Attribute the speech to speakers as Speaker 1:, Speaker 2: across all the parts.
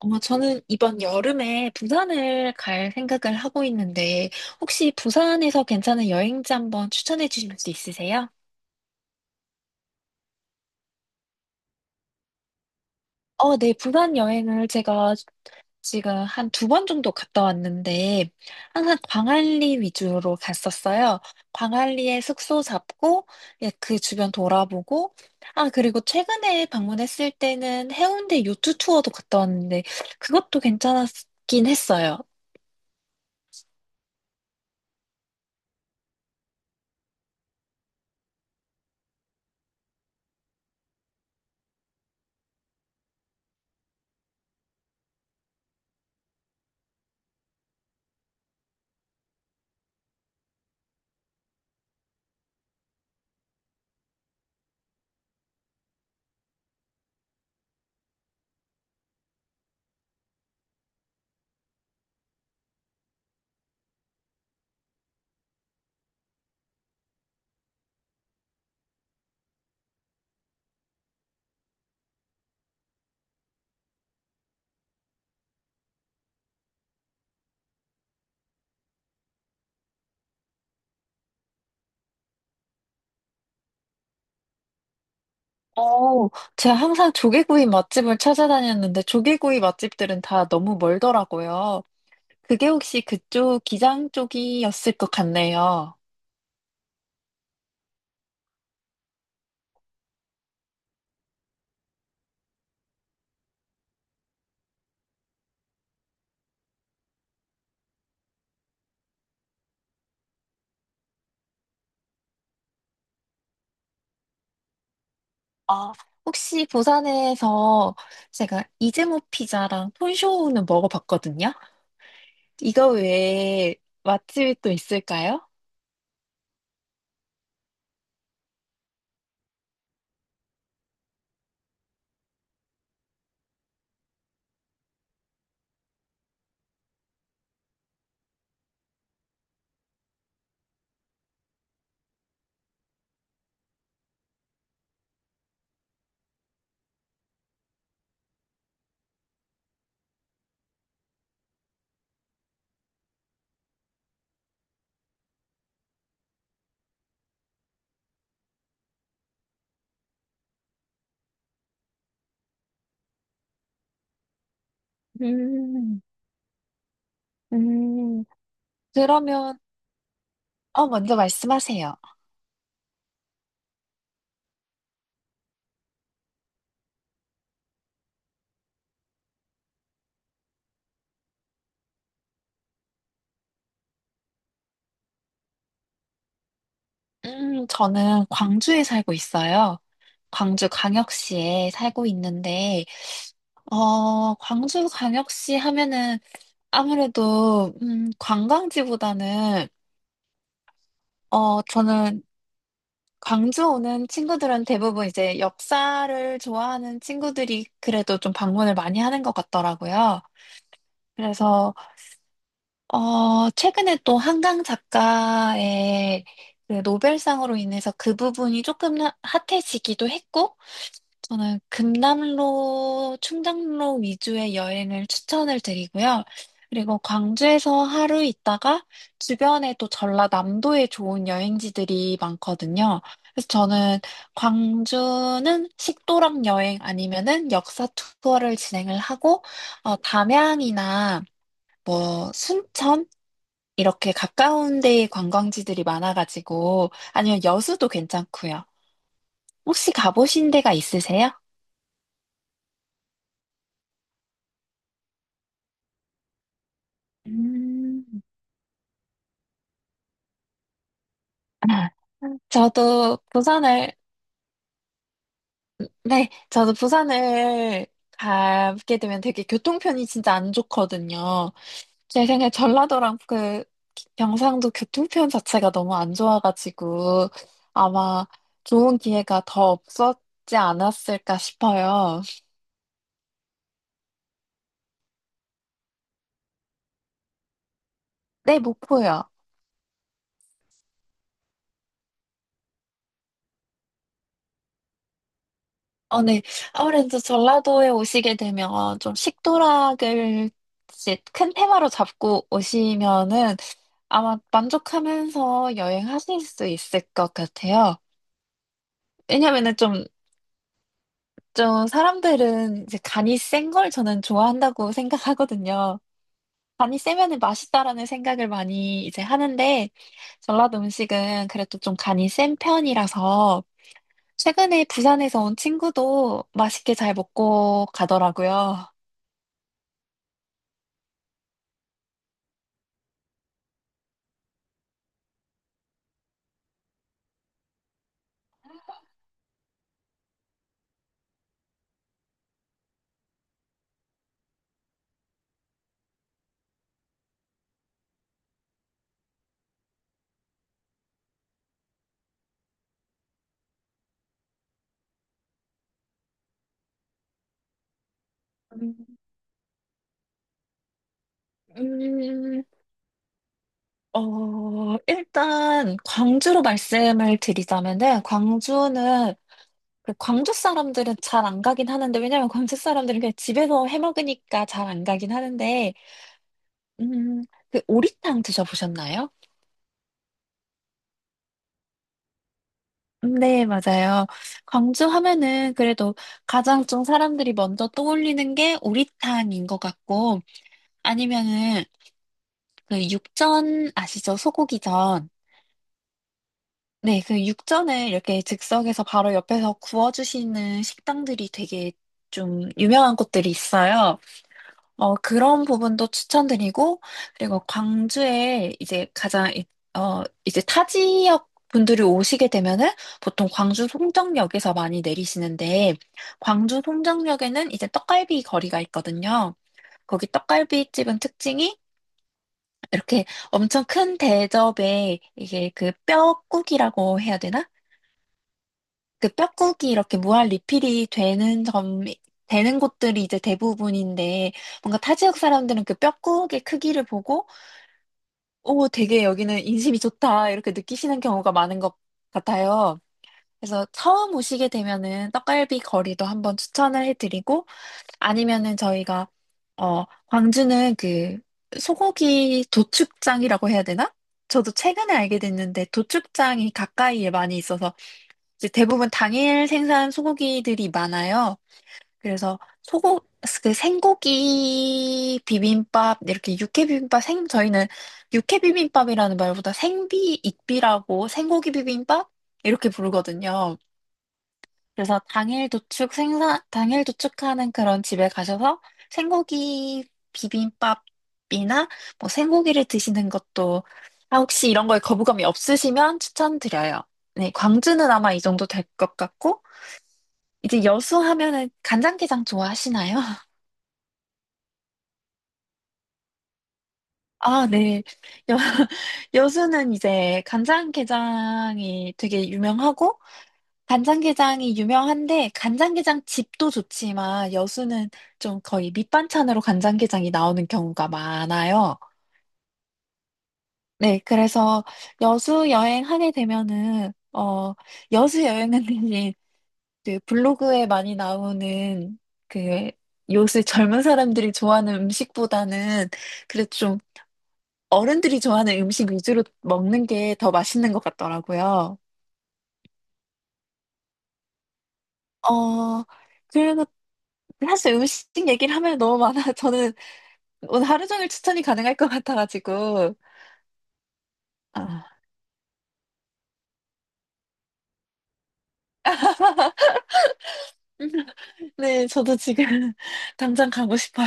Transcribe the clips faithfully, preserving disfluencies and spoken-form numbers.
Speaker 1: 아마 저는 이번 여름에 부산을 갈 생각을 하고 있는데, 혹시 부산에서 괜찮은 여행지 한번 추천해 주실 수 있으세요? 어, 네, 부산 여행을 제가 지금 한 두 번 정도 갔다 왔는데, 항상 광안리 위주로 갔었어요. 광안리에 숙소 잡고, 예, 그 주변 돌아보고, 아, 그리고 최근에 방문했을 때는 해운대 요트 투어도 갔다 왔는데, 그것도 괜찮았긴 했어요. 어, 제가 항상 조개구이 맛집을 찾아다녔는데 조개구이 맛집들은 다 너무 멀더라고요. 그게 혹시 그쪽 기장 쪽이었을 것 같네요. 아, 혹시 부산에서 제가 이재모 피자랑 톤쇼우는 먹어봤거든요. 이거 외에 맛집이 또 있을까요? 음, 음, 그러면, 어, 먼저 말씀하세요. 음, 저는 광주에 살고 있어요. 광주 광역시에 살고 있는데, 어, 광주광역시 하면은 아무래도, 음, 관광지보다는, 어, 저는 광주 오는 친구들은 대부분 이제 역사를 좋아하는 친구들이 그래도 좀 방문을 많이 하는 것 같더라고요. 그래서, 어, 최근에 또 한강 작가의 그 노벨상으로 인해서 그 부분이 조금 핫해지기도 했고, 저는 금남로, 충장로 위주의 여행을 추천을 드리고요. 그리고 광주에서 하루 있다가 주변에 또 전라남도에 좋은 여행지들이 많거든요. 그래서 저는 광주는 식도락 여행 아니면은 역사 투어를 진행을 하고, 어, 담양이나 뭐 순천 이렇게 가까운 데에 관광지들이 많아가지고, 아니면 여수도 괜찮고요. 혹시 가보신 데가 있으세요? 음. 저도 부산을, 네, 저도 부산을 가게 되면 되게 교통편이 진짜 안 좋거든요. 제 생각에 전라도랑 그 경상도 교통편 자체가 너무 안 좋아가지고 아마 좋은 기회가 더 없었지 않았을까 싶어요. 네, 목포요. 어, 네. 아무래도 전라도에 오시게 되면 좀 식도락을 이제 큰 테마로 잡고 오시면은 아마 만족하면서 여행하실 수 있을 것 같아요. 왜냐면은 좀, 좀 사람들은 이제 간이 센 걸 저는 좋아한다고 생각하거든요. 간이 세면은 맛있다라는 생각을 많이 이제 하는데, 전라도 음식은 그래도 좀 간이 센 편이라서, 최근에 부산에서 온 친구도 맛있게 잘 먹고 가더라고요. 음, 음, 어, 일단, 광주로 말씀을 드리자면은, 광주는 그 광주 사람들은 잘 안 가긴 하는데, 왜냐면 광주 사람들은 그냥 집에서 해 먹으니까 잘 안 가긴 하는데, 음, 그 오리탕 드셔보셨나요? 음, 네, 맞아요. 광주 하면은 그래도 가장 좀 사람들이 먼저 떠올리는 게 오리탕인 것 같고, 아니면은 그 육전 아시죠? 소고기전. 네, 그 육전을 이렇게 즉석에서 바로 옆에서 구워주시는 식당들이 되게 좀 유명한 곳들이 있어요. 어, 그런 부분도 추천드리고, 그리고 광주에 이제 가장, 이- 어, 이제 타 지역 분들이 오시게 되면은 보통 광주 송정역에서 많이 내리시는데, 광주 송정역에는 이제 떡갈비 거리가 있거든요. 거기 떡갈비집은 특징이 이렇게 엄청 큰 대접에 이게 그 뼈국이라고 해야 되나? 그 뼈국이 이렇게 무한 리필이 되는 점, 되는 곳들이 이제 대부분인데, 뭔가 타 지역 사람들은 그 뼈국의 크기를 보고, 오, 되게 여기는 인심이 좋다, 이렇게 느끼시는 경우가 많은 것 같아요. 그래서 처음 오시게 되면은 떡갈비 거리도 한번 추천을 해드리고, 아니면은 저희가, 어, 광주는 그 소고기 도축장이라고 해야 되나? 저도 최근에 알게 됐는데 도축장이 가까이에 많이 있어서 이제 대부분 당일 생산 소고기들이 많아요. 그래서 소고 그 생고기 비빔밥 이렇게 육회 비빔밥 생 저희는 육회 비빔밥이라는 말보다 생비 익비라고 생고기 비빔밥 이렇게 부르거든요. 그래서 당일 도축 생산 당일 도축하는 그런 집에 가셔서 생고기 비빔밥이나 뭐 생고기를 드시는 것도 아 혹시 이런 거에 거부감이 없으시면 추천드려요. 네, 광주는 아마 이 정도 될 것 같고 이제 여수 하면은 간장게장 좋아하시나요? 아, 네. 여, 여수는 이제 간장게장이 되게 유명하고, 간장게장이 유명한데, 간장게장 집도 좋지만, 여수는 좀 거의 밑반찬으로 간장게장이 나오는 경우가 많아요. 네, 그래서 여수 여행하게 되면은, 어, 여수 여행은 대신 그 블로그에 많이 나오는 그 요새 젊은 사람들이 좋아하는 음식보다는 그래도 좀 어른들이 좋아하는 음식 위주로 먹는 게 더 맛있는 것 같더라고요. 어, 그리고 사실 음식 얘기를 하면 너무 많아. 저는 오늘 하루 종일 추천이 가능할 것 같아가지고. 아. 네, 저도 지금 당장 가고 싶어요.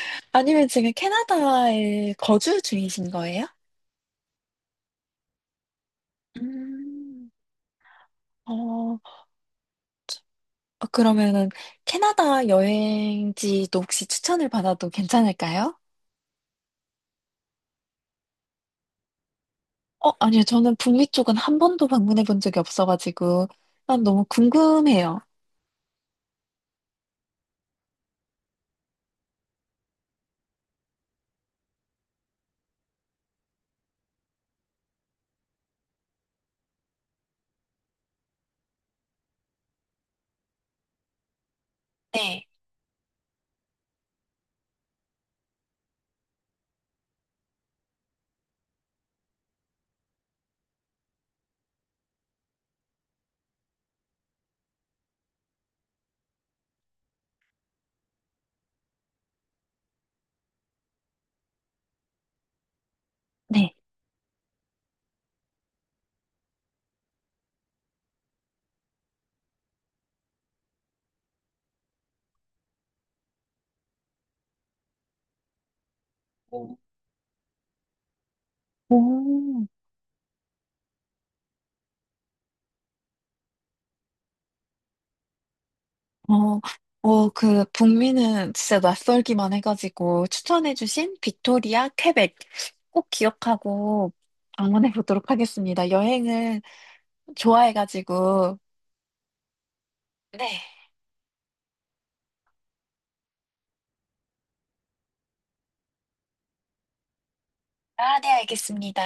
Speaker 1: 아니면 지금 캐나다에 거주 중이신 거예요? 음, 어, 그러면은 캐나다 여행지도 혹시 추천을 받아도 괜찮을까요? 어, 아니요. 저는 북미 쪽은 한 번도 방문해 본 적이 없어가지고, 난 너무 궁금해요. 네. 네. 오. 오. 어, 어, 그, 북미는 진짜 낯설기만 해가지고, 추천해주신 빅토리아, 퀘벡 꼭 기억하고 방문해 보도록 하겠습니다. 여행을 좋아해가지고, 네. 아, 네, 알겠습니다.